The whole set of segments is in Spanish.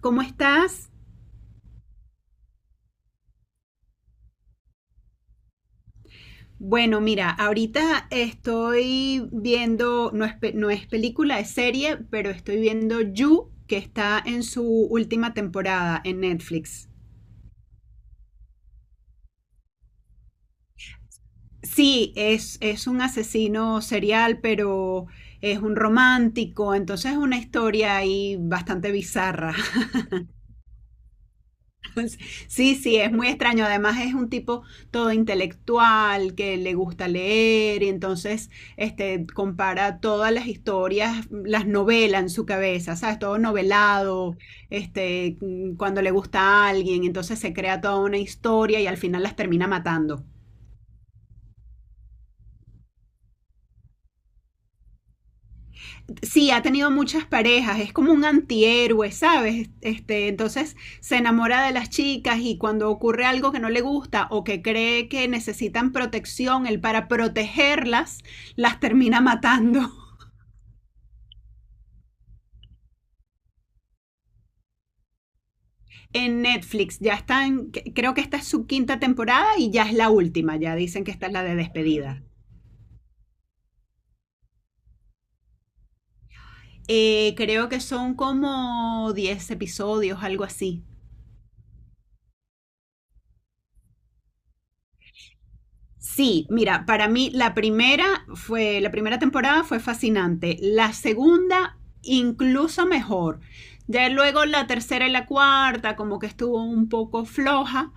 ¿Cómo estás? Bueno, mira, ahorita estoy viendo, no es película, es serie, pero estoy viendo You, que está en su última temporada en Netflix. Sí, es un asesino serial, pero es un romántico, entonces es una historia ahí bastante bizarra. Sí, sí, es muy extraño. Además es un tipo todo intelectual que le gusta leer y entonces este, compara todas las historias, las novela en su cabeza, ¿sabes? Todo novelado, este, cuando le gusta a alguien, entonces se crea toda una historia y al final las termina matando. Sí, ha tenido muchas parejas, es como un antihéroe, ¿sabes? Este, entonces se enamora de las chicas y cuando ocurre algo que no le gusta o que cree que necesitan protección, él para protegerlas las termina matando. En Netflix ya están, creo que esta es su quinta temporada y ya es la última, ya dicen que esta es la de despedida. Creo que son como 10 episodios, algo así. Sí, mira, para mí la primera temporada fue fascinante. La segunda, incluso mejor. Ya luego la tercera y la cuarta, como que estuvo un poco floja.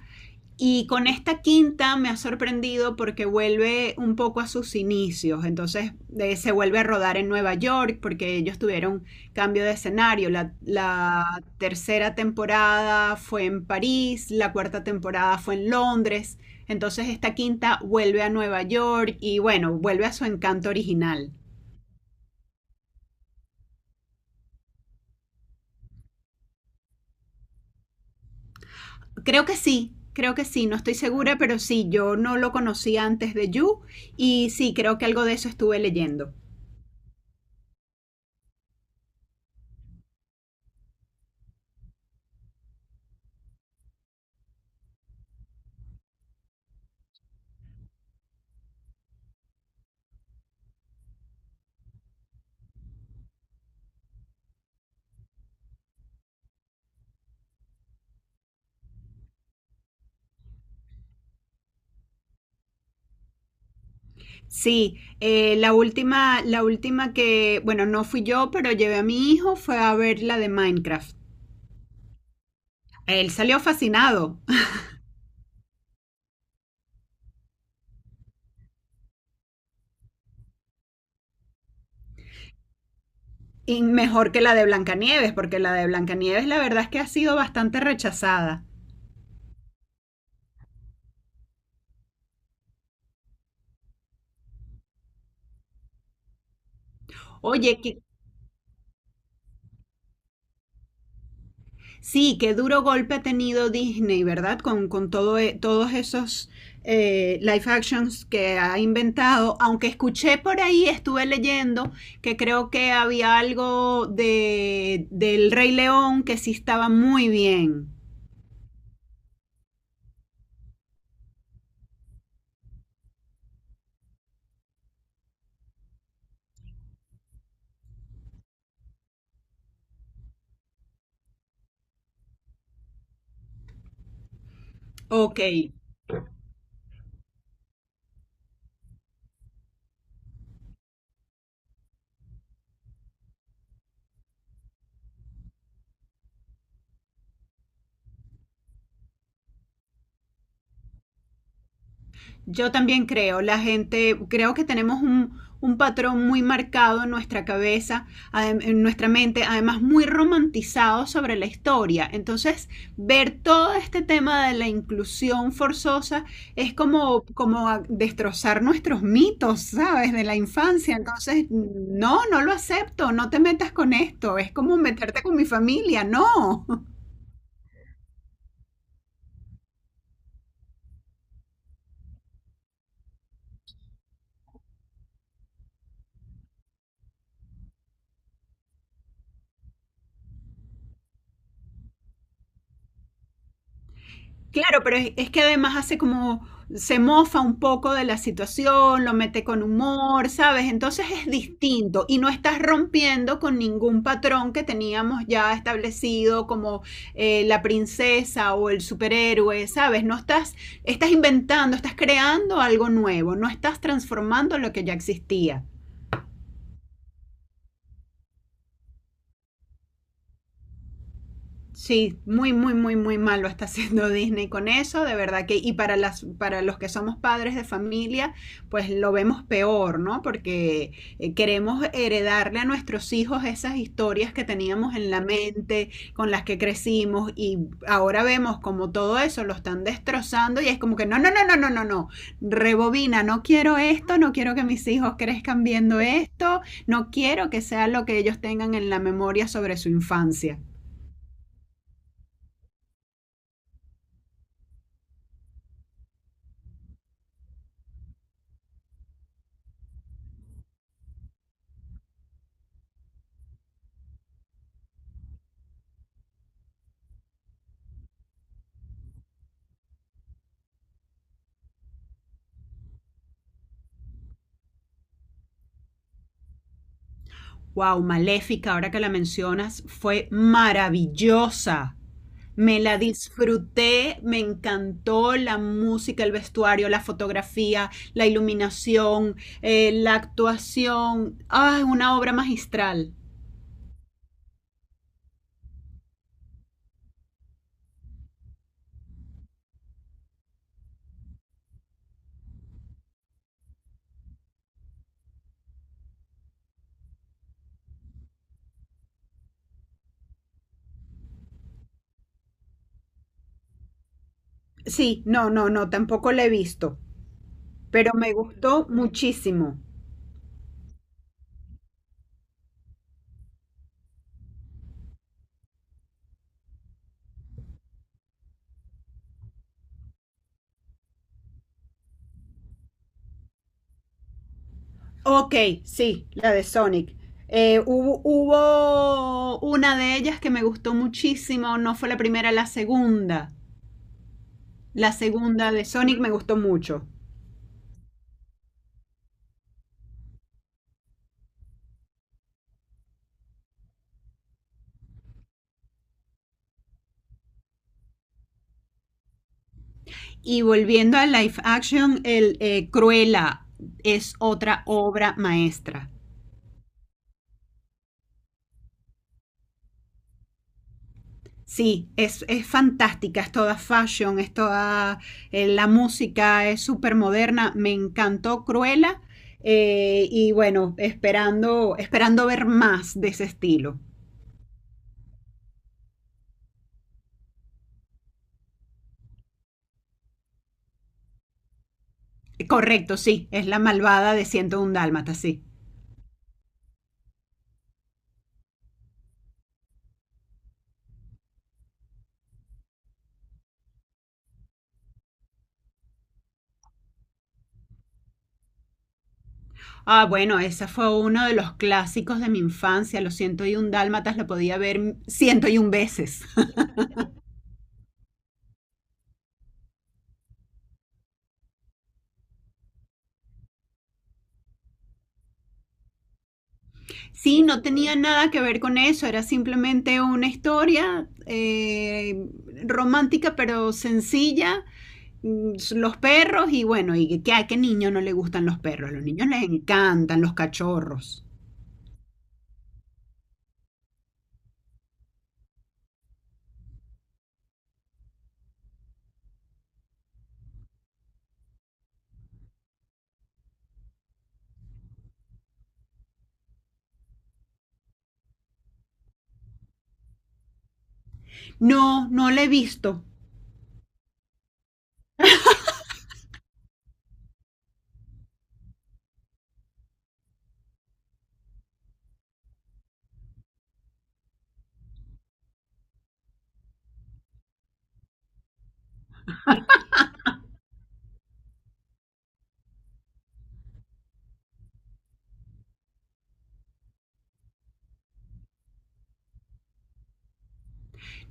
Y con esta quinta me ha sorprendido porque vuelve un poco a sus inicios, entonces se vuelve a rodar en Nueva York porque ellos tuvieron cambio de escenario. La tercera temporada fue en París, la cuarta temporada fue en Londres, entonces esta quinta vuelve a Nueva York y bueno, vuelve a su encanto original. Creo que sí, no estoy segura, pero sí, yo no lo conocí antes de You y sí, creo que algo de eso estuve leyendo. Sí, la última que, bueno, no fui yo, pero llevé a mi hijo, fue a ver la de Minecraft. Él salió fascinado, y mejor que la de Blancanieves, porque la de Blancanieves la verdad es que ha sido bastante rechazada. Oye, sí, qué duro golpe ha tenido Disney, ¿verdad? Con todo, todos esos live actions que ha inventado. Aunque escuché por ahí, estuve leyendo que creo que había algo de, del Rey León que sí estaba muy bien. Ok. Yo también creo, la gente, creo que tenemos un patrón muy marcado en nuestra cabeza, en nuestra mente, además muy romantizado sobre la historia. Entonces, ver todo este tema de la inclusión forzosa es como, como a destrozar nuestros mitos, ¿sabes? De la infancia. Entonces, no, no lo acepto, no te metas con esto, es como meterte con mi familia, no. Claro, pero es que además hace como, se mofa un poco de la situación, lo mete con humor, ¿sabes? Entonces es distinto y no estás rompiendo con ningún patrón que teníamos ya establecido como la princesa o el superhéroe, ¿sabes? No estás, estás inventando, estás creando algo nuevo, no estás transformando lo que ya existía. Sí, muy, muy, muy, muy mal lo está haciendo Disney con eso, de verdad que, y para los que somos padres de familia, pues lo vemos peor, ¿no? Porque queremos heredarle a nuestros hijos esas historias que teníamos en la mente, con las que crecimos, y ahora vemos como todo eso lo están destrozando, y es como que no, no, no, no, no, no, no, rebobina, no quiero esto, no quiero que mis hijos crezcan viendo esto, no quiero que sea lo que ellos tengan en la memoria sobre su infancia. Wow, Maléfica, ahora que la mencionas, fue maravillosa. Me la disfruté, me encantó la música, el vestuario, la fotografía, la iluminación, la actuación. Ah, una obra magistral. Sí, no, no, no, tampoco la he visto, pero me gustó muchísimo. Ok, sí, la de Sonic. Hubo una de ellas que me gustó muchísimo, no fue la primera, la segunda. La segunda de Sonic me gustó mucho. Y volviendo a live action, el Cruella es otra obra maestra. Sí, es fantástica, es toda fashion, es toda la música, es súper moderna. Me encantó Cruella y bueno, esperando, esperando ver más de ese estilo. Correcto, sí, es la malvada de 101 Dálmata, sí. Ah, bueno, ese fue uno de los clásicos de mi infancia. Los 101 Dálmatas lo podía ver 101 veces. Sí, no tenía nada que ver con eso, era simplemente una historia romántica pero sencilla. Los perros y bueno, y que a qué niño no le gustan los perros, a los niños les encantan los cachorros. No, no lo he visto,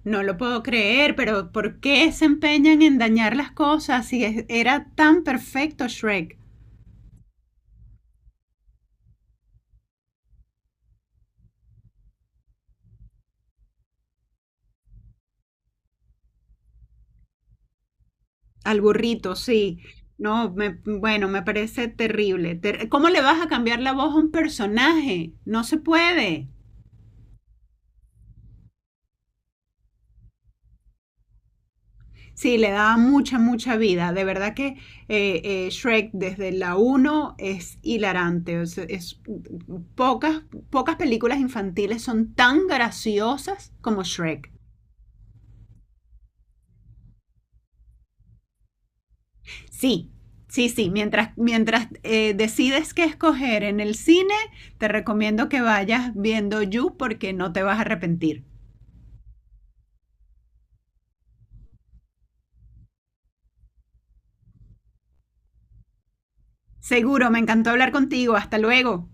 no lo puedo creer, pero ¿por qué se empeñan en dañar las cosas si era tan perfecto Shrek? Al burrito, sí. No, bueno, me parece terrible. ¿Cómo le vas a cambiar la voz a un personaje? No se puede. Sí, le daba mucha, mucha vida. De verdad que Shrek desde la uno es hilarante. Pocas, pocas películas infantiles son tan graciosas como Shrek. Sí, sí, sí. Mientras decides qué escoger en el cine, te recomiendo que vayas viendo You porque no te vas a arrepentir. Seguro, me encantó hablar contigo. Hasta luego.